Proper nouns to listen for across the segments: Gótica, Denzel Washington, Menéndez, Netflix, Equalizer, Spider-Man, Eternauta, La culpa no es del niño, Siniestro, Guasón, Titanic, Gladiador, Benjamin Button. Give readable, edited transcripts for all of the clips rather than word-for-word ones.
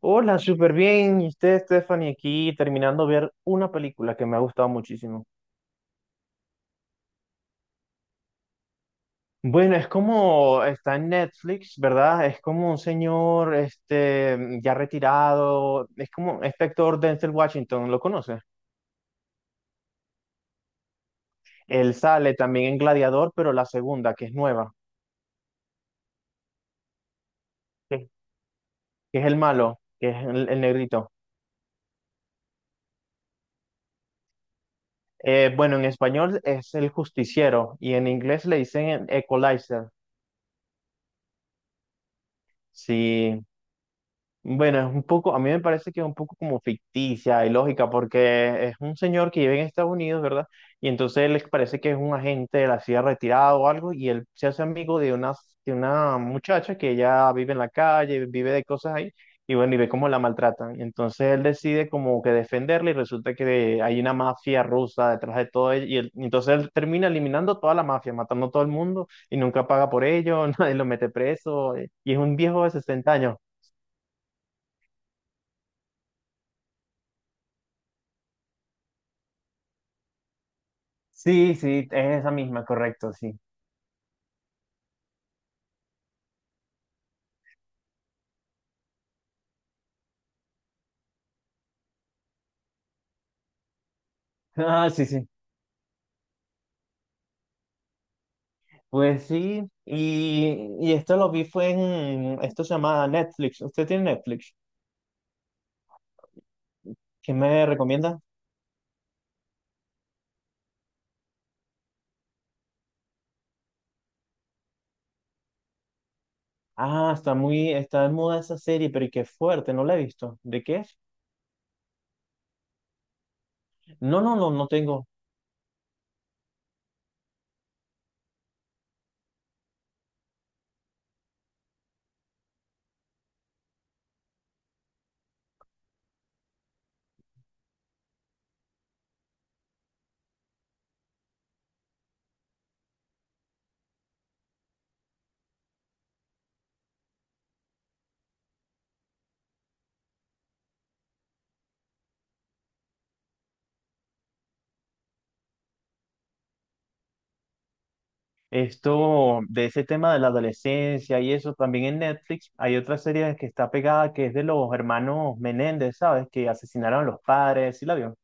Hola, súper bien. Y usted, Stephanie, aquí terminando de ver una película que me ha gustado muchísimo. Bueno, es como está en Netflix, ¿verdad? Es como un señor este, ya retirado. Es como este actor Denzel Washington, ¿lo conoce? Él sale también en Gladiador, pero la segunda, que es nueva, que que es el malo, que es el negrito. Bueno, en español es el justiciero y en inglés le dicen Equalizer. Sí. Bueno, es un poco, a mí me parece que es un poco como ficticia y lógica, porque es un señor que vive en Estados Unidos, ¿verdad? Y entonces les parece que es un agente de la CIA retirado o algo, y él se hace amigo de de una muchacha que ella vive en la calle, vive de cosas ahí, y bueno, y ve cómo la maltratan. Entonces él decide como que defenderla, y resulta que hay una mafia rusa detrás de todo ello, y, y entonces él termina eliminando toda la mafia, matando a todo el mundo, y nunca paga por ello, nadie lo mete preso, y es un viejo de 60 años. Sí, sí, es esa misma, correcto, sí. Ah, sí, sí. Pues sí, y esto lo vi fue en, esto se llama Netflix. ¿Usted tiene Netflix? ¿Qué me recomienda? Ah, está muy, está de moda esa serie, pero y qué fuerte, no la he visto. ¿De qué es? No, no, no, no tengo. Esto, de ese tema de la adolescencia y eso, también en Netflix hay otra serie que está pegada que es de los hermanos Menéndez, ¿sabes? Que asesinaron a los padres, ¿sí la vio?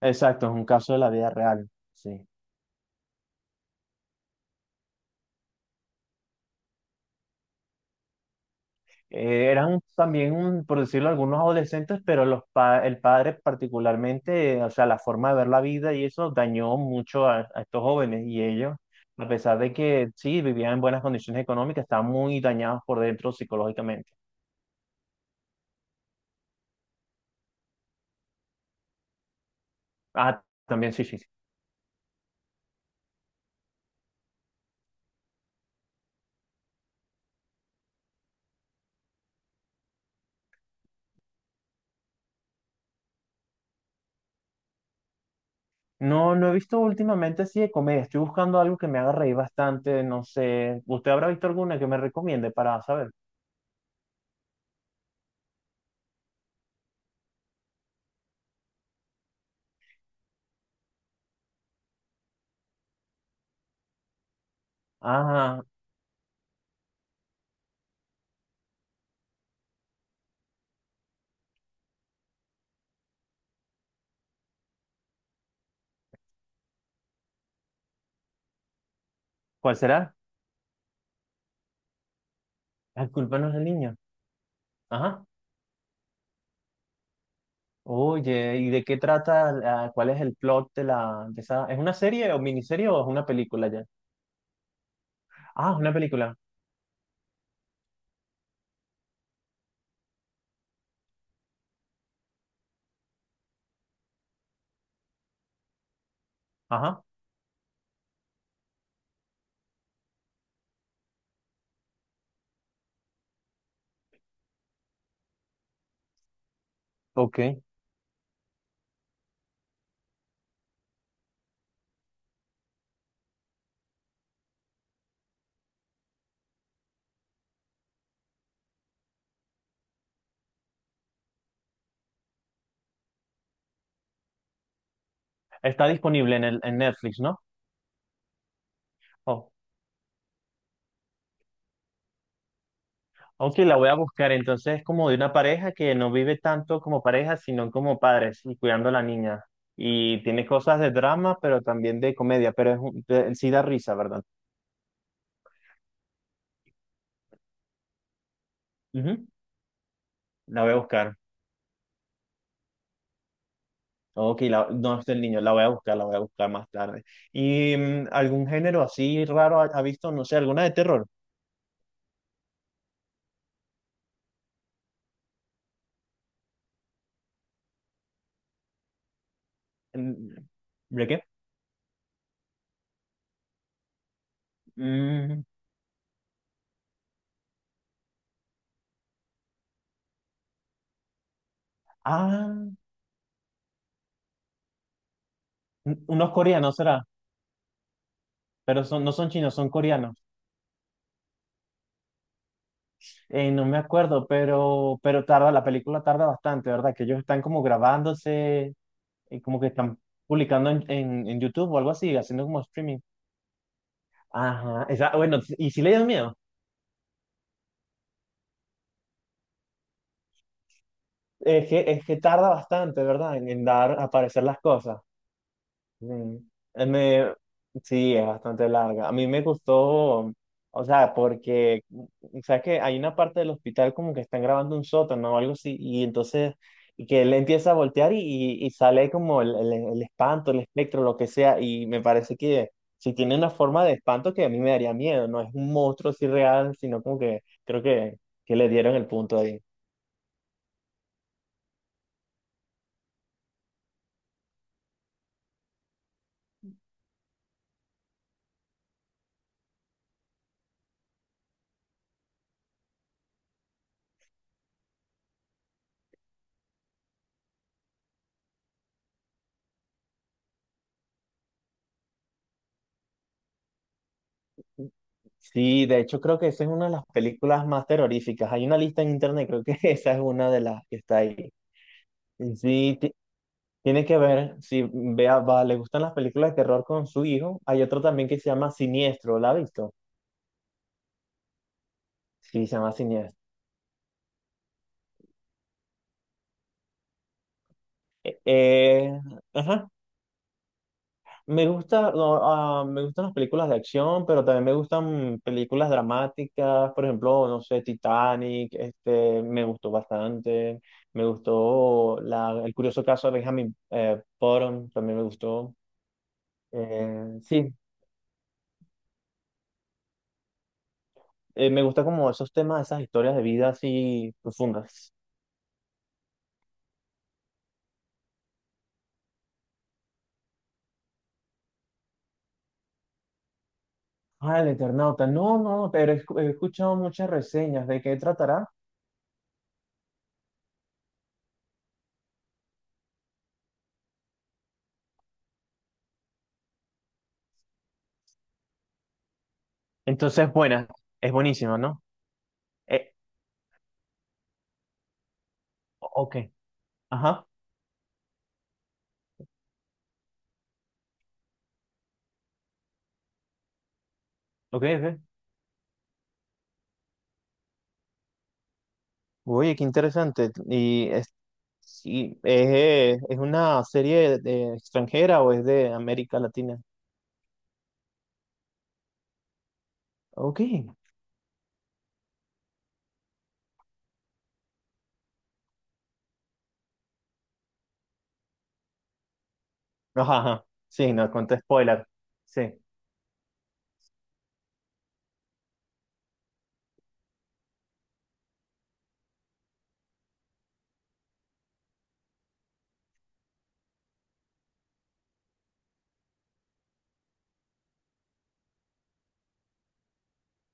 Exacto, es un caso de la vida real, sí. Eran también, por decirlo, algunos adolescentes, pero el padre particularmente, o sea, la forma de ver la vida y eso dañó mucho a estos jóvenes y ellos, a pesar de que sí, vivían en buenas condiciones económicas, estaban muy dañados por dentro psicológicamente. Ah, también sí, sí, sí. No, no he visto últimamente así de comedia. Estoy buscando algo que me haga reír bastante. No sé, ¿usted habrá visto alguna que me recomiende para saber? Ajá, ¿cuál será? La culpa no es del niño. Ajá. Oye, ¿y de qué trata? ¿Cuál es el plot de la de esa? ¿Es una serie o miniserie o es una película ya? Ah, es una película. Ajá. Ok. ¿Está disponible en en Netflix, ¿no? Oh. Ok, la voy a buscar. Entonces es como de una pareja que no vive tanto como pareja, sino como padres y cuidando a la niña. Y tiene cosas de drama, pero también de comedia, pero es sí da risa, ¿verdad? Ujú. La voy a buscar. Ok, la, no es del niño, la voy a buscar, la voy a buscar más tarde. ¿Y algún género así raro ha visto? No sé, alguna de terror. Mm. ¿De qué? Mm, ah, unos coreanos será, pero son, no son chinos, son coreanos. No me acuerdo, pero tarda, la película tarda bastante, ¿verdad? Que ellos están como grabándose y como que están publicando en YouTube o algo así, haciendo como streaming. Ajá, esa, bueno, y si le dio miedo. Es que tarda bastante, ¿verdad? En dar a aparecer las cosas. Sí. Eh, me- sí, es bastante larga. A mí me gustó, o sea, porque, o sea, que hay una parte del hospital como que están grabando un sótano o algo así, y entonces, y que él empieza a voltear y sale como el espanto, el espectro, lo que sea, y me parece que si tiene una forma de espanto que a mí me daría miedo, no es un monstruo así real, sino como que creo que le dieron el punto. Sí, de hecho creo que esa es una de las películas más terroríficas. Hay una lista en internet, creo que esa es una de las que está ahí. Y sí, tiene que ver, si vea, va, le gustan las películas de terror con su hijo. Hay otro también que se llama Siniestro, ¿la ha visto? Sí, se llama Siniestro. Eh, ajá, Me gusta, no, ah, me gustan las películas de acción, pero también me gustan películas dramáticas, por ejemplo, no sé, Titanic, este, me gustó bastante, me gustó El curioso caso de Benjamin Button, también me gustó. Eh, sí, Me gusta como esos temas, esas historias de vida así profundas. Ah, el Eternauta, no, no, pero he escuchado muchas reseñas de qué tratará. Entonces, buena, es buenísima, ¿no? Eh, ok, ajá, ok, ok. Oye, qué interesante. Y es, sí, es una serie extranjera o es de América Latina. Ok. Ajá, ajá. Sí, no, conté spoiler. Sí.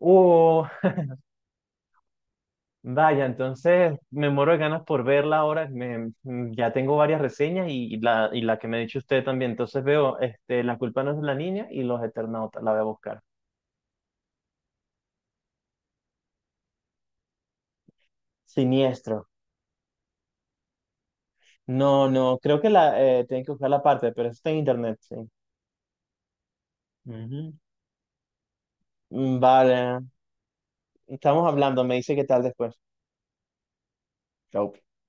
Uh, vaya, entonces me muero de ganas por verla ahora. Ya tengo varias reseñas y la que me ha dicho usted también. Entonces veo este, La culpa no es de la niña y Los Eternautas. La voy a buscar. Siniestro. No, no, creo que la tienen que buscar la parte, pero eso está en internet, sí. Ujú. Vale. Estamos hablando, me dice qué tal después. Chau.